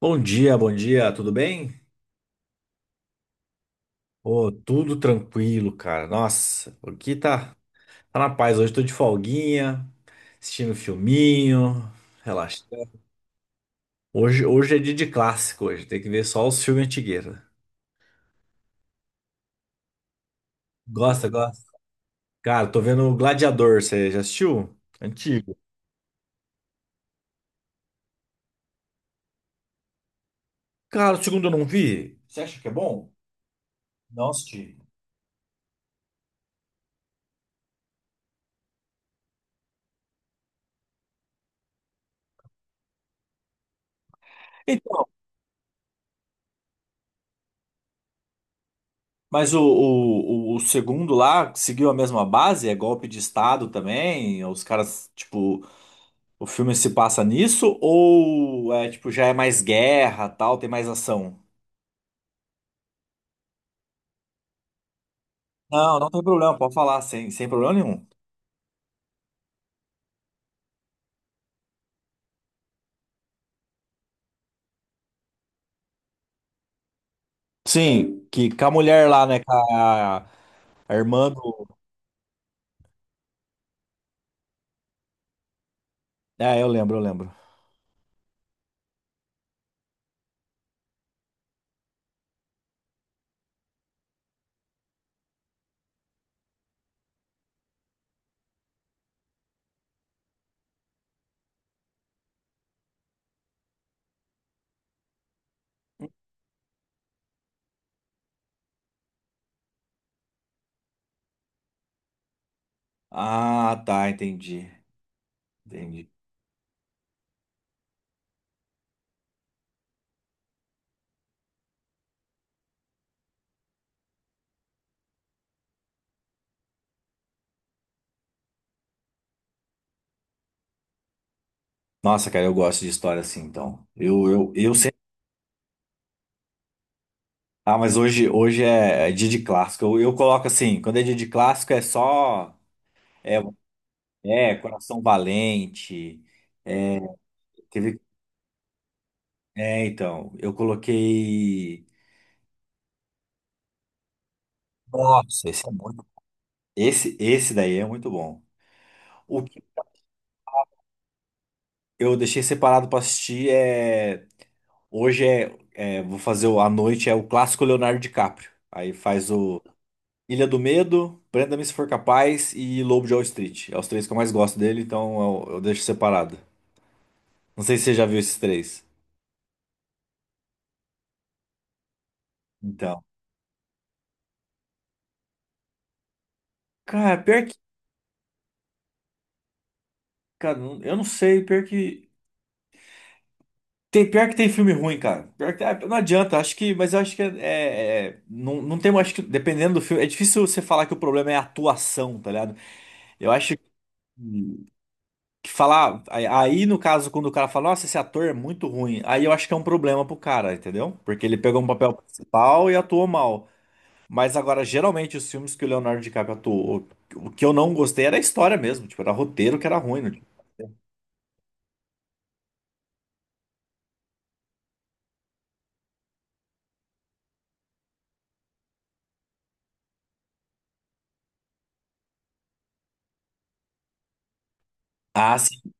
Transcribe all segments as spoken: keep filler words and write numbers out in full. Bom dia, bom dia, tudo bem? Ô, tudo tranquilo, cara. Nossa, aqui tá, tá na paz. Hoje tô de folguinha, assistindo um filminho, relaxando. Hoje, hoje é dia de clássico, hoje. Tem que ver só os filmes antigueiros. Gosta, gosta? Cara, tô vendo o Gladiador, você já assistiu? Antigo. Cara, o segundo eu não vi. Você acha que é bom? Não assisti. Então, mas o, o, o o segundo lá seguiu a mesma base? É golpe de estado também? Os caras, tipo, o filme se passa nisso ou é tipo já é mais guerra, tal, tem mais ação? Não, não tem problema, pode falar sem, sem problema nenhum. Sim, que com a mulher lá, né? Com a, a irmã do. É, eu lembro, eu lembro. Ah, tá, entendi. Entendi. Nossa, cara, eu gosto de história assim, então. Eu, eu, eu sempre. Ah, mas hoje, hoje é, é dia de clássico. Eu, eu coloco assim, quando é dia de clássico é só. É, é Coração Valente. É, teve. É, então, eu coloquei. Nossa, esse é muito. Esse, esse daí é muito bom. O que eu deixei separado pra assistir é. Hoje é, é, vou fazer o, à noite, é o clássico Leonardo DiCaprio. Aí faz o Ilha do Medo, Prenda-me se for capaz e Lobo de Wall Street. É os três que eu mais gosto dele, então eu, eu deixo separado. Não sei se você já viu esses três. Então. Cara, pior que. Cara, não- eu não sei, pior que. Tem, pior que tem filme ruim, cara. Pior que, ah, não adianta, acho que. Mas eu acho que é. É- é- não, não tem. Acho que, dependendo do filme. É difícil você falar que o problema é a atuação, tá ligado? Eu acho que, que falar. Aí, aí, no caso, quando o cara fala, nossa, esse ator é muito ruim. Aí eu acho que é um problema pro cara, entendeu? Porque ele pegou um papel principal e atuou mal. Mas agora, geralmente, os filmes que o Leonardo DiCaprio atuou, o que eu não gostei era a história mesmo. Tipo, era roteiro que era ruim, né? Ah, sim.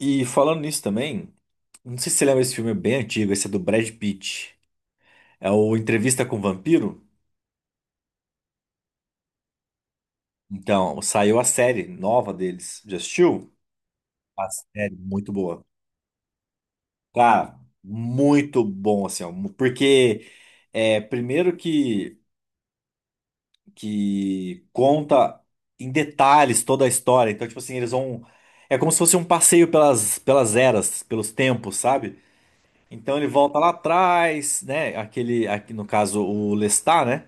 E falando nisso também, não sei se você lembra, esse filme é bem antigo, esse é do Brad Pitt. É o Entrevista com o Vampiro. Então, saiu a série nova deles. Já assistiu? A série, muito boa. Cara, muito bom, assim, ó, porque é, primeiro que, que conta em detalhes toda a história. Então, tipo assim, eles vão. É como se fosse um passeio pelas, pelas eras, pelos tempos, sabe? Então ele volta lá atrás, né? Aquele, aqui, no caso, o Lestat, né?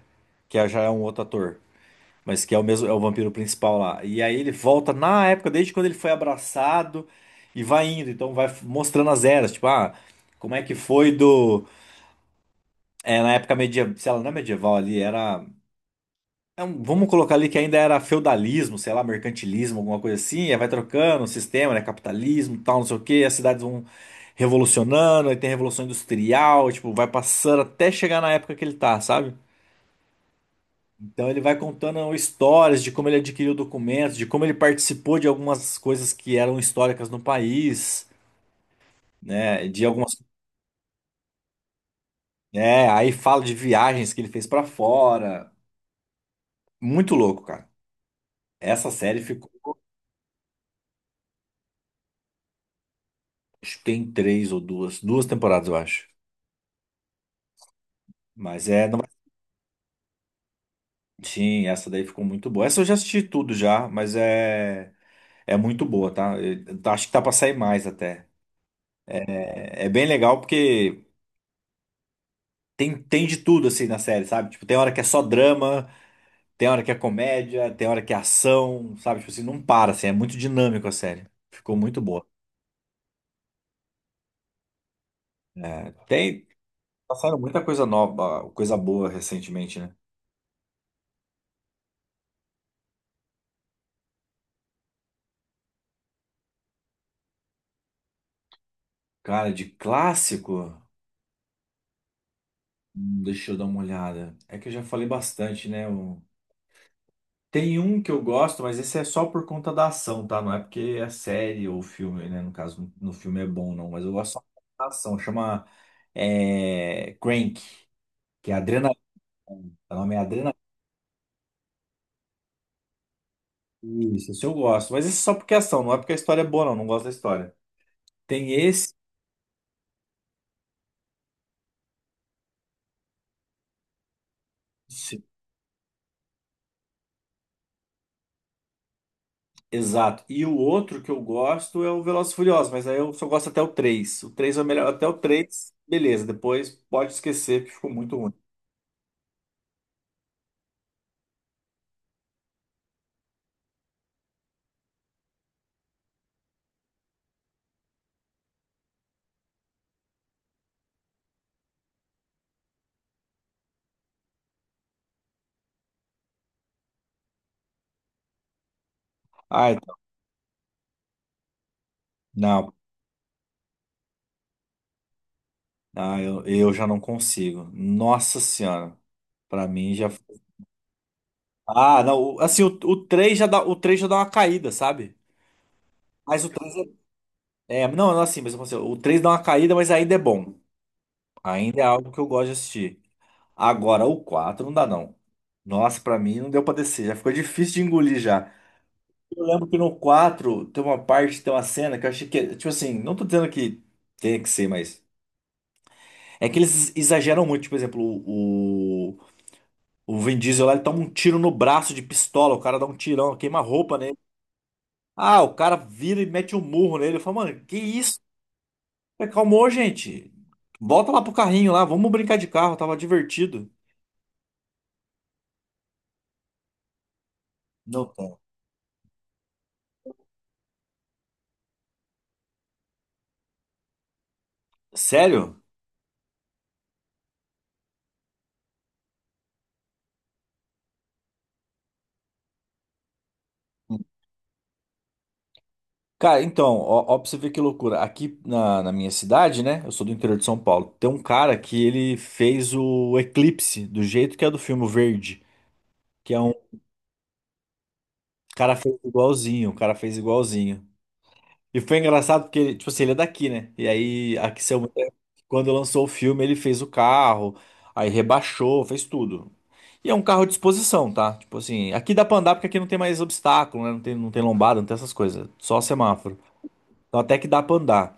Que é- já é um outro ator, mas que é o mesmo, é o vampiro principal lá. E aí ele volta na época, desde quando ele foi abraçado e vai indo. Então vai f- mostrando as eras, tipo, ah, como é que foi do. É, na época medieval, sei lá, não é medieval ali, era. É um- vamos colocar ali que ainda era feudalismo, sei lá, mercantilismo, alguma coisa assim. Aí vai trocando o sistema, né? Capitalismo, tal, não sei o quê. e As cidades vão revolucionando, aí tem a Revolução Industrial, tipo, vai passando até chegar na época que ele tá, sabe? Então ele vai contando histórias de como ele adquiriu documentos, de como ele participou de algumas coisas que eram históricas no país, né? De algumas, é, aí fala de viagens que ele fez pra fora. Muito louco, cara. Essa série ficou, acho que tem três ou duas, duas temporadas, eu acho. Mas é, não- sim, essa daí ficou muito boa. Essa eu já assisti tudo já, mas é é muito boa, tá? Eu- eu acho que tá pra sair mais até. É é bem legal porque tem, tem de tudo assim na série, sabe? Tipo, tem hora que é só drama, tem hora que é comédia, tem hora que é ação, sabe? Tipo assim, não para, assim, é muito dinâmico a série. Ficou muito boa. É, tem, passaram muita coisa nova, coisa boa recentemente, né? Cara, de clássico, hum, deixa eu dar uma olhada. É que eu já falei bastante, né? Tem um que eu gosto, mas esse é só por conta da ação, tá? Não é porque é série ou filme, né? No caso, no filme é bom, não. Mas eu gosto só por conta da ação. Chama é, Crank, que é Adrenalina. O nome é Adrenalina. Isso, esse eu gosto. Mas esse é só porque é ação, não é porque a história é boa, não. Não gosto da história. Tem esse. esse- Exato. E o outro que eu gosto é o Velozes e Furiosos, mas aí eu só gosto até o três. O três é o melhor. Até o três beleza. Depois pode esquecer, que ficou muito ruim. Ah, então. Não. Ah, eu, eu já não consigo. Nossa Senhora. Pra mim já. Ah, não. o- Assim, o, o três já dá, o três já dá uma caída, sabe? Mas o três é. É, não, não assim, mas eu consigo. O três dá uma caída, mas ainda é bom. Ainda é algo que eu gosto de assistir. Agora, o quatro não dá, não. Nossa, pra mim não deu pra descer. Já ficou difícil de engolir já. Eu lembro que no quatro tem uma parte, tem uma cena que eu achei que. Tipo assim, não tô dizendo que tem que ser, mas. É que eles exageram muito. Tipo, por exemplo, o. O Vin Diesel lá, ele toma um tiro no braço de pistola, o cara dá um tirão, queima a roupa nele. Ah, o cara vira e mete um murro nele. Ele fala, mano, que isso? Acalmou, gente. Volta lá pro carrinho lá, vamos brincar de carro, tava divertido. Não tem. Sério? Cara, então, ó, ó pra você ver que loucura. Aqui na, na minha cidade, né? Eu sou do interior de São Paulo. Tem um cara que ele fez o Eclipse, do jeito que é do filme, o Verde. Que é um o cara fez igualzinho, o cara fez igualzinho. E foi engraçado porque, ele, tipo assim, ele é daqui, né? E aí, aqui, seu, quando lançou o filme, ele fez o carro, aí rebaixou, fez tudo. E é um carro de exposição, tá? Tipo assim, aqui dá pra andar porque aqui não tem mais obstáculo, né? Não tem, não tem lombada, não tem essas coisas. Só semáforo. Então até que dá pra andar.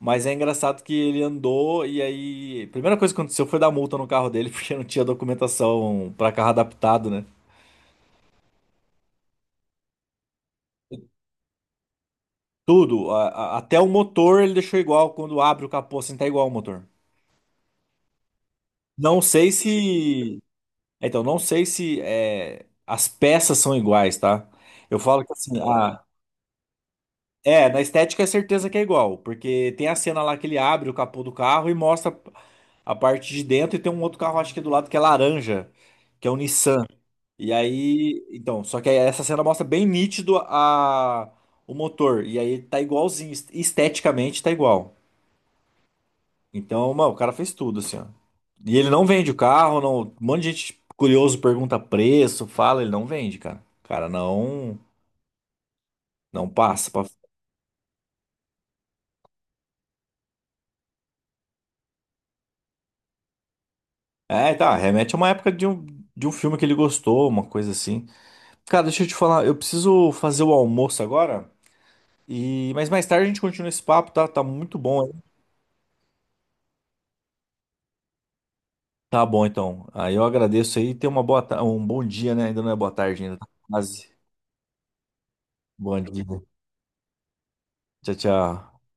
Mas é engraçado que ele andou e aí. A primeira coisa que aconteceu foi dar multa no carro dele, porque não tinha documentação pra carro adaptado, né? Tudo. A- a- até o motor ele deixou igual. Quando abre o capô, assim, tá igual o motor. Não sei se. Então, não sei se é, as peças são iguais, tá? Eu falo que assim, a- é, na estética é certeza que é igual, porque tem a cena lá que ele abre o capô do carro e mostra a parte de dentro e tem um outro carro, acho que é do lado, que é laranja, que é o Nissan. E aí, então, só que aí essa cena mostra bem nítido a, o motor, e aí tá igualzinho, est- esteticamente tá igual. Então, mano, o cara fez tudo, assim, ó. E ele não vende o carro, não. Um monte de gente curioso pergunta preço, fala, ele não vende, cara. O cara não, não passa pra... É, tá, remete a uma época de um, de um filme que ele gostou, uma coisa assim. Cara, deixa eu te falar, eu preciso fazer o almoço agora, e mas mais tarde a gente continua esse papo, tá? Tá muito bom, hein? Tá bom, então. Aí eu agradeço aí, e tenha uma boa, ta- um bom dia, né? Ainda não é boa tarde ainda, tá quase. Bom dia. Tchau, tchau.